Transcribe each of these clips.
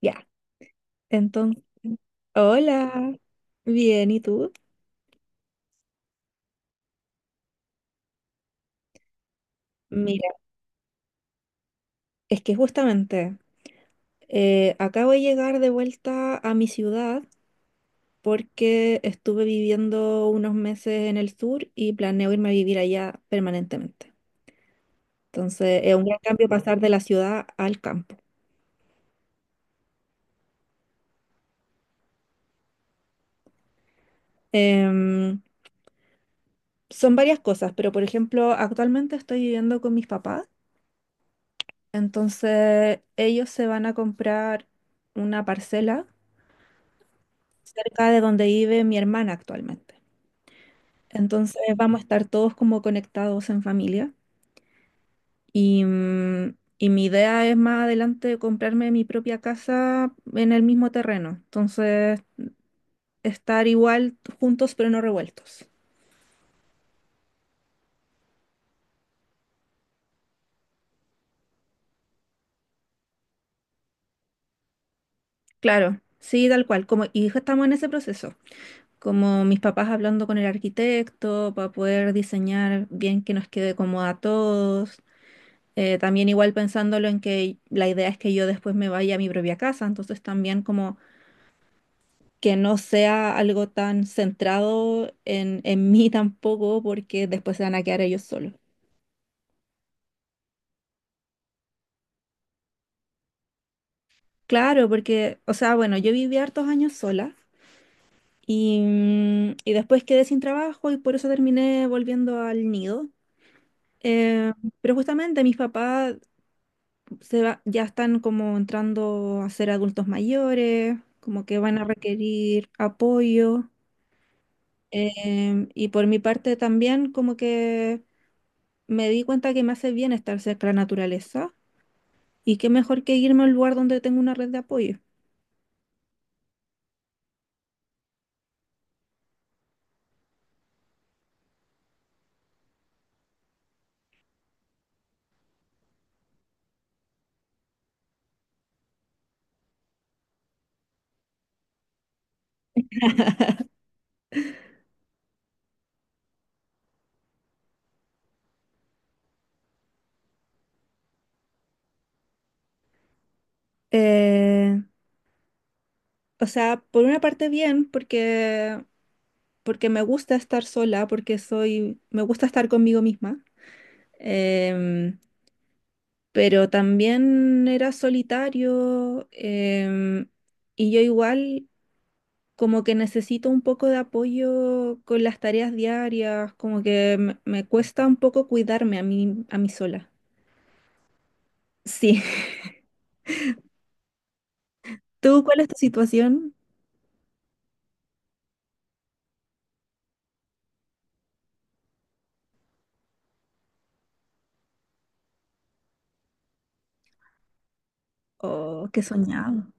Ya, entonces, hola, bien, ¿y tú? Mira, es que justamente acabo de llegar de vuelta a mi ciudad porque estuve viviendo unos meses en el sur y planeo irme a vivir allá permanentemente. Entonces, es un gran cambio pasar de la ciudad al campo. Em, Son varias cosas, pero por ejemplo, actualmente estoy viviendo con mis papás, entonces ellos se van a comprar una parcela cerca de donde vive mi hermana actualmente. Entonces vamos a estar todos como conectados en familia y mi idea es más adelante comprarme mi propia casa en el mismo terreno. Entonces estar igual juntos pero no revueltos. Claro, sí, tal cual. Como, y ya estamos en ese proceso. Como mis papás hablando con el arquitecto para poder diseñar bien que nos quede cómodo a todos. También igual pensándolo en que la idea es que yo después me vaya a mi propia casa, entonces también como que no sea algo tan centrado en mí tampoco, porque después se van a quedar ellos solos. Claro, porque, o sea, bueno, yo viví hartos años sola y después quedé sin trabajo y por eso terminé volviendo al nido. Eh, pero justamente mis papás ya están como entrando a ser adultos mayores, como que van a requerir apoyo. Y por mi parte también como que me di cuenta que me hace bien estar cerca de la naturaleza y qué mejor que irme a un lugar donde tengo una red de apoyo. Eh, o sea, por una parte bien porque, porque me gusta estar sola, porque soy, me gusta estar conmigo misma, em, pero también era solitario em, y yo igual como que necesito un poco de apoyo con las tareas diarias, como que me cuesta un poco cuidarme a mí sola. Sí. ¿Tú cuál es tu situación? Oh, qué soñado.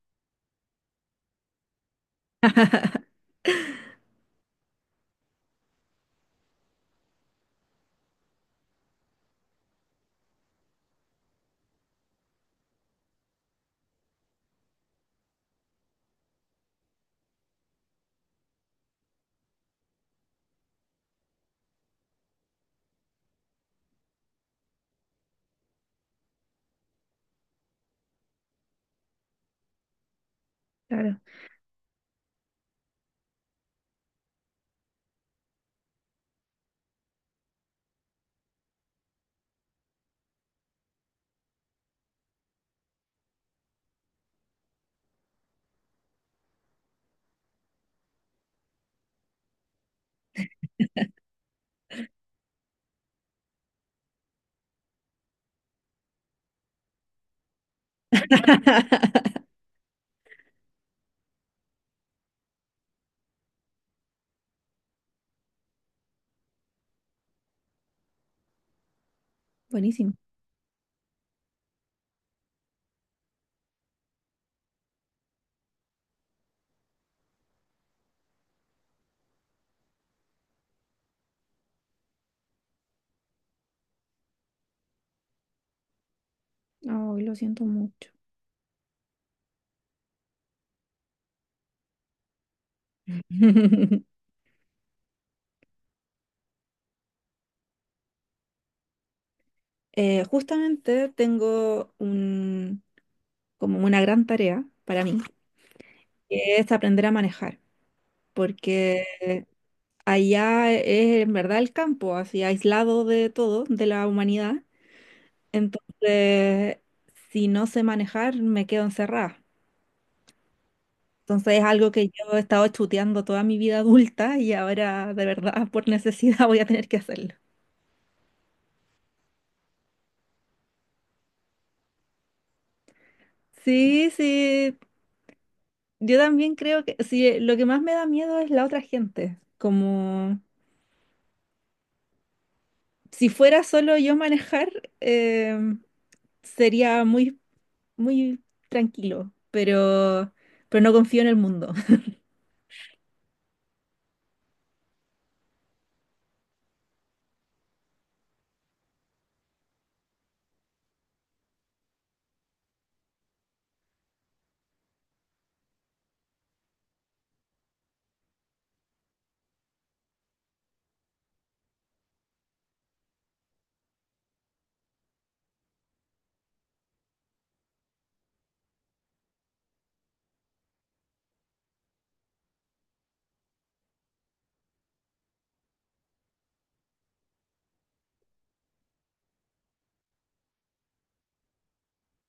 Claro, buenísimo. Oh, lo siento mucho. Justamente como una gran tarea para mí, que es aprender a manejar, porque allá es en verdad el campo, así aislado de todo, de la humanidad. Entonces, si no sé manejar, me quedo encerrada. Entonces es algo que yo he estado chuteando toda mi vida adulta y ahora de verdad por necesidad voy a tener que hacerlo. Sí, yo también creo que sí, lo que más me da miedo es la otra gente. Como si fuera solo yo manejar, em, sería muy tranquilo, pero no confío en el mundo.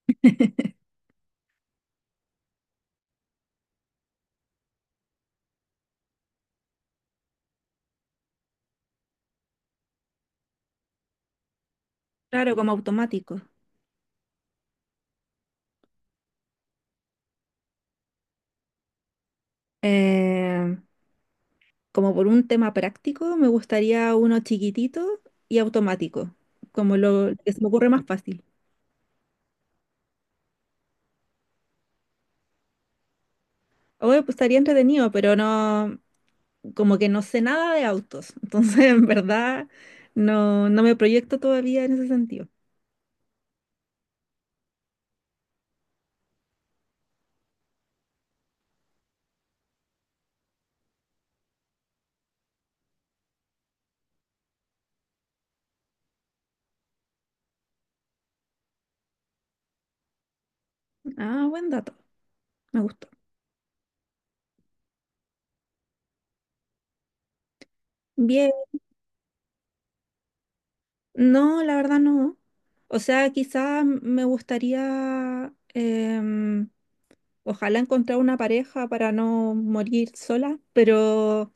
Claro, como automático. Em, Como por un tema práctico, me gustaría uno chiquitito y automático, como lo que se me ocurre más fácil. Obvio, pues, estaría entretenido, pero no, como que no sé nada de autos, entonces en verdad no me proyecto todavía en ese sentido. Ah, buen dato, me gustó. Bien, no, la verdad no. O sea, quizá me gustaría, ojalá encontrar una pareja para no morir sola,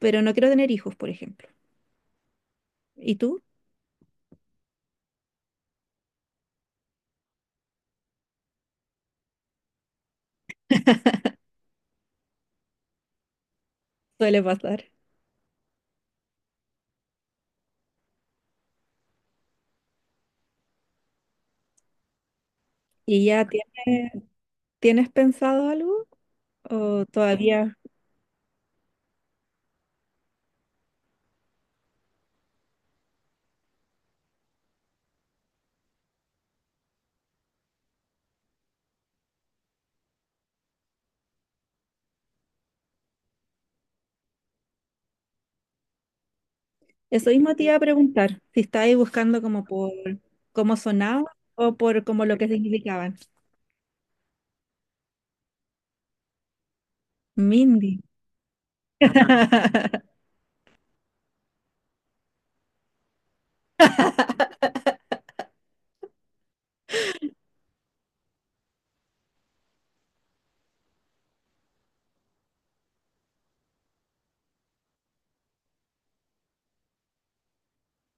pero no quiero tener hijos, por ejemplo. ¿Y tú? Suele pasar. ¿Y ya tienes, tienes pensado algo? ¿O todavía? Eso mismo te iba a preguntar, si estabais buscando como por cómo sonaba o por como lo que significaban. Mindy.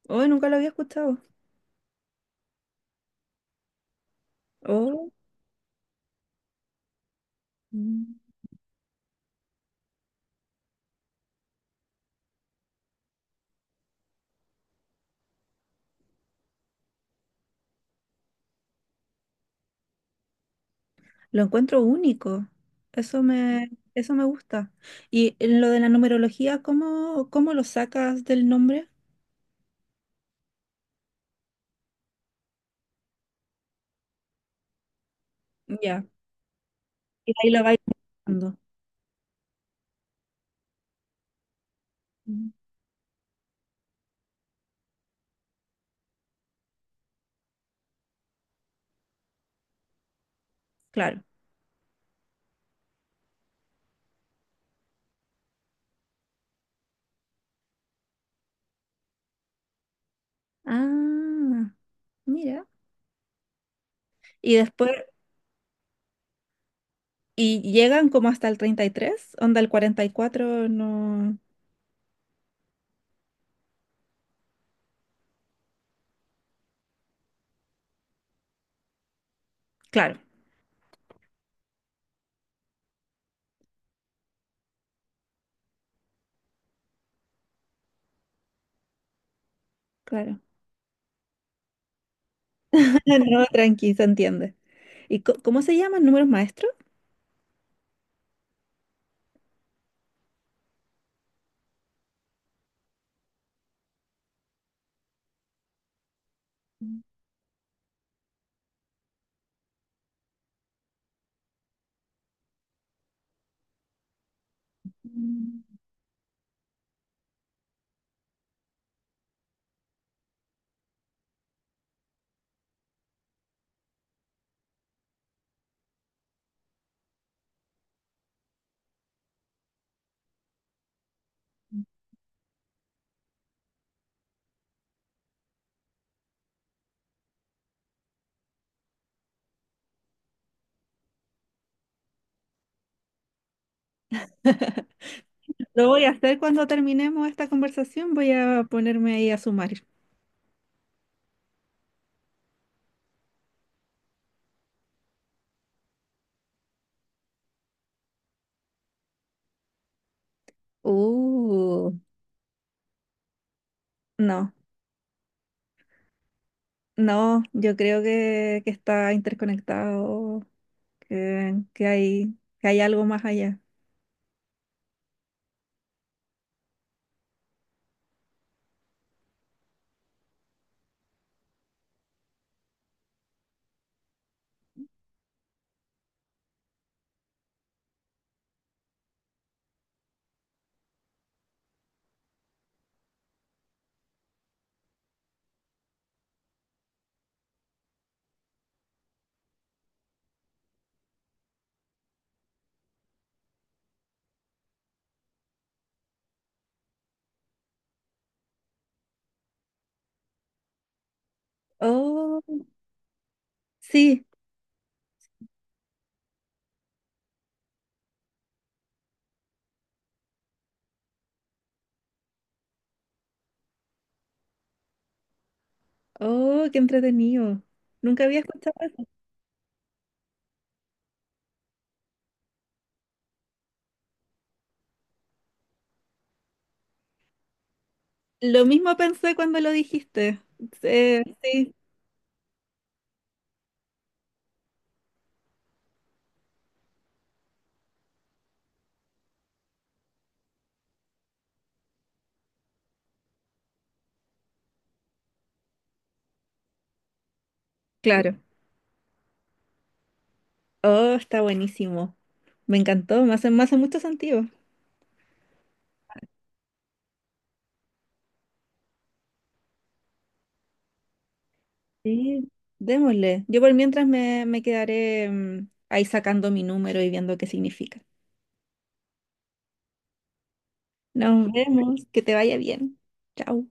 Oh, nunca lo había escuchado. Oh, mm, lo encuentro único. Eso me gusta. Y en lo de la numerología, ¿cómo lo sacas del nombre? Ya. Y ahí lo vais buscando. Mm, Claro. Ah, mira. Y después y llegan como hasta el 33 onda el 44 no. Claro, claro. No, tranqui, se entiende. ¿Y cómo se llaman números maestros? Mm. Lo voy a hacer cuando terminemos esta conversación, voy a ponerme ahí a sumar. Uh, No, no, yo creo que está interconectado, que hay algo más allá. Oh, sí, oh, qué entretenido. Nunca había escuchado. Lo mismo pensé cuando lo dijiste. Sí, claro. Oh, está buenísimo. Me encantó, me hace mucho sentido. Sí, démosle. Yo por mientras me quedaré ahí sacando mi número y viendo qué significa. Nos vemos, que te vaya bien. Chao.